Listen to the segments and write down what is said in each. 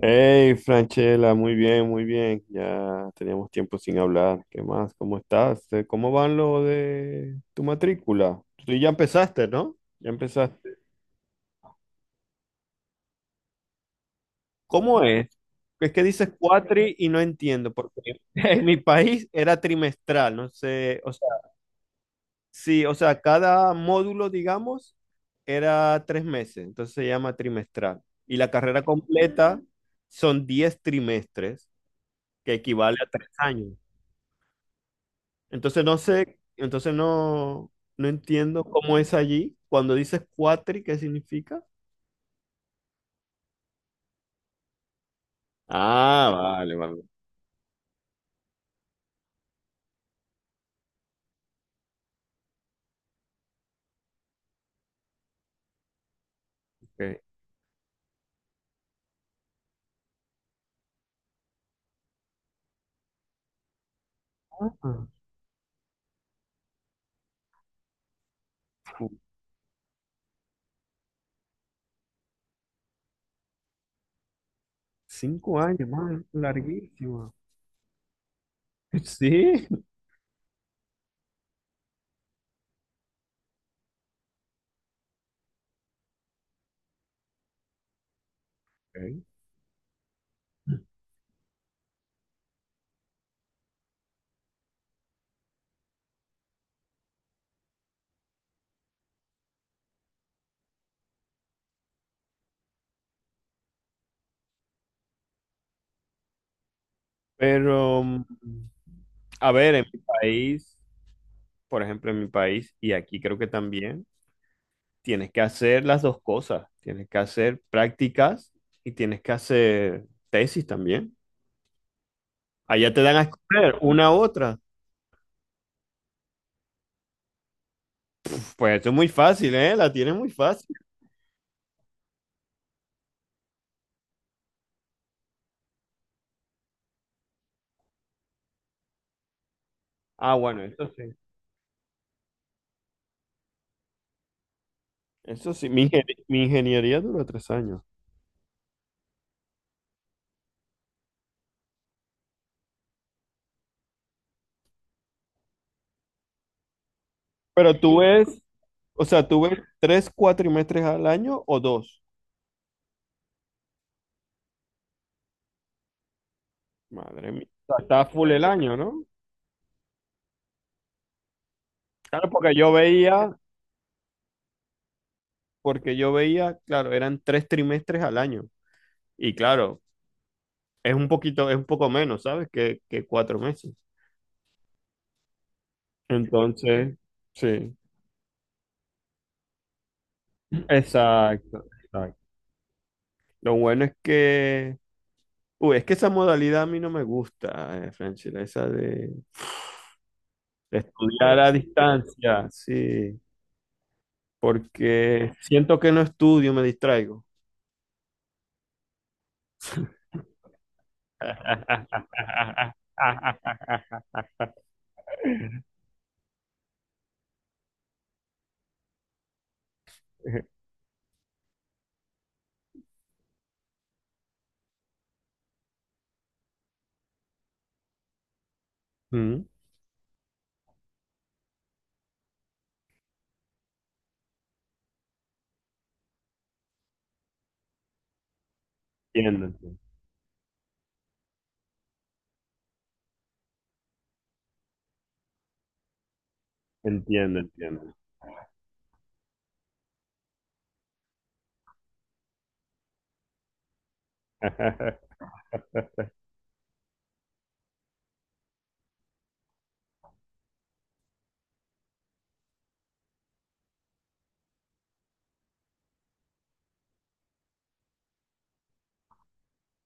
Hey, Franchela, muy bien, muy bien. Ya teníamos tiempo sin hablar. ¿Qué más? ¿Cómo estás? ¿Cómo van lo de tu matrícula? Tú ya empezaste, ¿no? Ya empezaste. ¿Cómo es? Es que dices cuatri y no entiendo, porque en mi país era trimestral, no sé, o sea, sí, o sea, cada módulo, digamos, era tres meses, entonces se llama trimestral. Y la carrera completa son diez trimestres, que equivale a tres años. Entonces no sé, entonces no, no entiendo cómo es allí. Cuando dices cuatri, ¿qué significa? Ah, vale, vale. Ok. Ah, cu- cinco años, man, larguísimo. Sí. Ok. Pero, mm, a ver, en mi país, y aquí creo que también, tienes que hacer las dos cosas. Tienes que hacer prácticas y tienes que hacer tesis también. Allá te dan a escoger una u otra. Pues esto es muy fácil, ¿eh? La tienes muy fácil. Ah, bueno, eso sí. Eso sí, mi ingeniería duró tres años. Pero tú ves, o sea, tú ves tres cuatrimestres al año o dos. Madre mía. O sea, está full el año, ¿no? Claro, porque yo veía, claro, eran tres trimestres al año. Y claro, es un poco menos, ¿sabes? Que cuatro meses. Entonces, sí. Exacto, exacto. Lo bueno es que uy, es que esa modalidad a mí no me gusta, Franchella, esa de estudiar a distancia, sí, porque siento que no estudio, me distraigo. Mm, entiendo, entiendo, entiendo.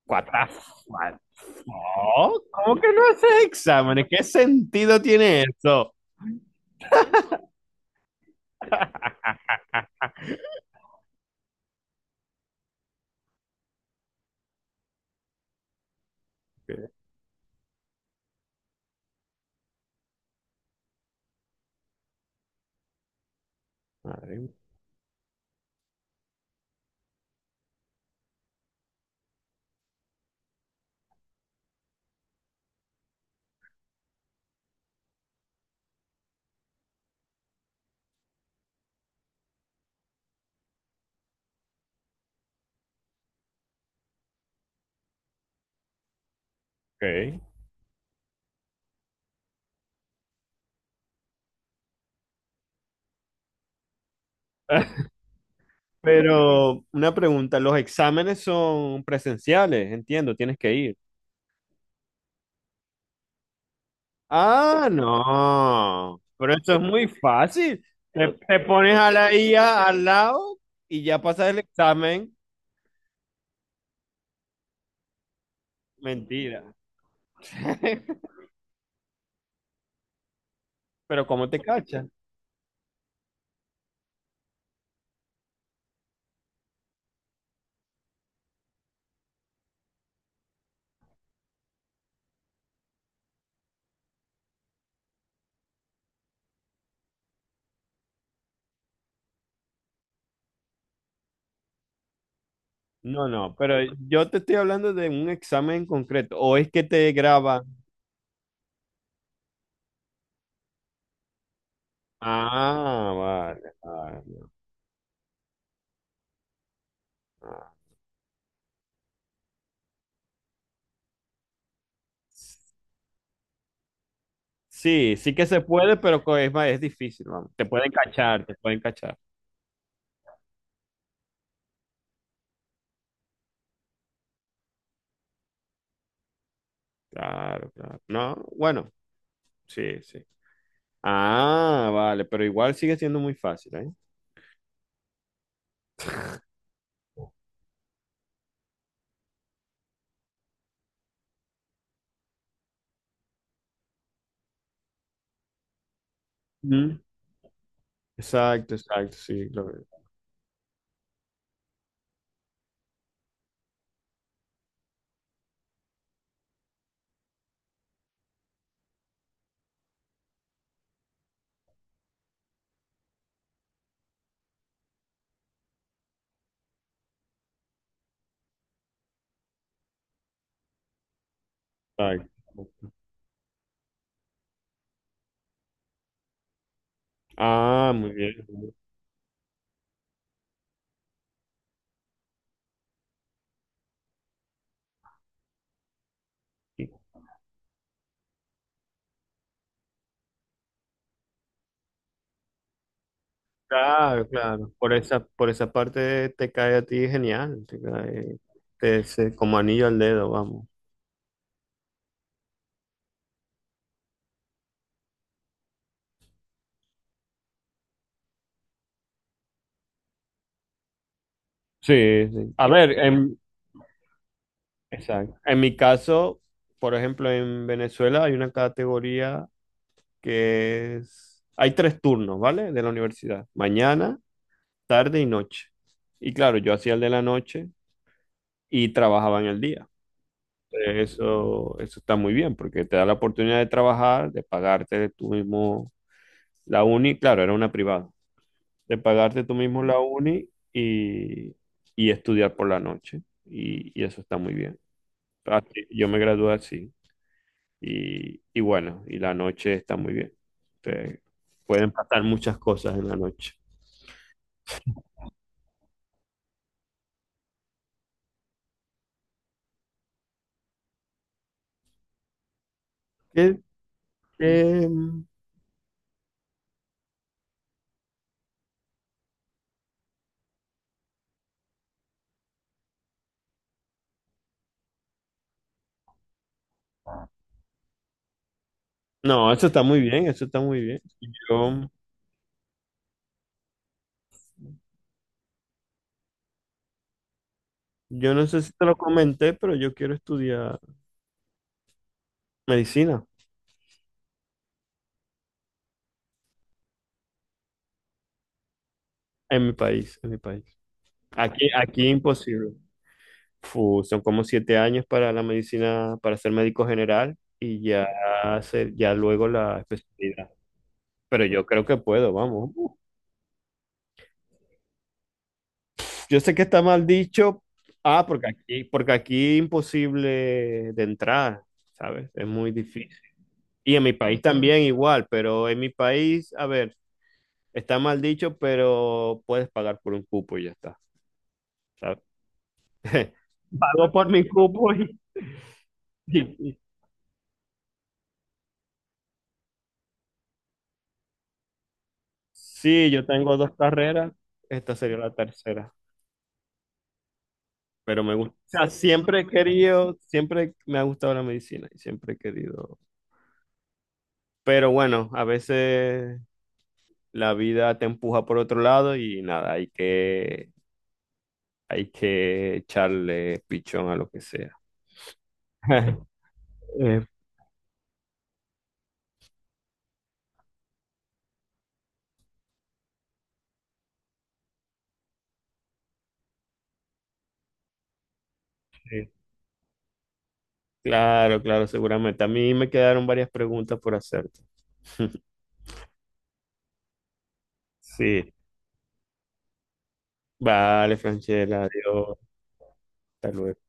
What the fuck? No, ¿cómo que no haces exámenes? ¿Qué sentido tiene eso? ok, madre mía. Ok. Pero una pregunta, los exámenes son presenciales, entiendo, tienes que ir. Ah, no, pero eso es muy fácil. Te pones a la IA al lado y ya pasas el examen. Mentira. Pero ¿cómo te cachan? No, no, pero yo te estoy hablando de un examen en concreto. ¿O es que te graban? Ah, vale, vale, vale. Sí, sí que se puede, pero es más, es difícil, vamos. Te pueden cachar, te pueden cachar. Claro, claro. No, bueno, sí, sí. Ah, vale, pero igual sigue siendo muy fácil, ¿eh? Ujú. Exacto, exacto, sí, lo veo. Exacto. Ah, muy bien. Y claro, claro. Por esa parte te cae a ti genial. Te cae, te- se- como anillo al dedo, vamos. Sí, sí. A ver, exacto. En mi caso, por ejemplo, en Venezuela hay una categoría que es... Hay tres turnos, ¿vale? De la universidad. Mañana, tarde y noche. Y claro, yo hacía el de la noche y trabajaba en el día. Eso está muy bien porque te da la oportunidad de trabajar, de pagarte tú mismo la uni, claro, era una privada, de pagarte tú mismo la uni y estudiar por la noche. Y eso está muy bien. Así, yo me gradué así y bueno, y la noche está muy bien. Te- pueden pasar muchas cosas en la noche. ¿Qué, qué, No, eso está muy bien, eso está muy bien. Yo, yo no sé si te lo comenté, pero yo quiero estudiar medicina en mi país, en mi país. Aquí, aquí imposible. Fu, son como siete años para la medicina, para ser médico general y ya hacer, ya luego la especialidad. Pero yo creo que puedo, vamos. Yo sé que está mal dicho, ah, porque aquí imposible de entrar, ¿sabes? Es muy difícil. Y en mi país también igual, pero en mi país, a ver. Está mal dicho, pero puedes pagar por un cupo y ya está, ¿sabes? Pago por mi cupo y, y- y- sí, yo tengo dos carreras, esta sería la tercera, pero me gusta. O sea, siempre he querido, siempre me ha gustado la medicina y siempre he querido. Pero bueno, a veces la vida te empuja por otro lado y nada, hay que echarle pichón a lo que sea. Este, claro, claro, seguramente. A mí me quedaron varias preguntas por hacerte. Sí. Vale, Franchella, adiós. Hasta luego.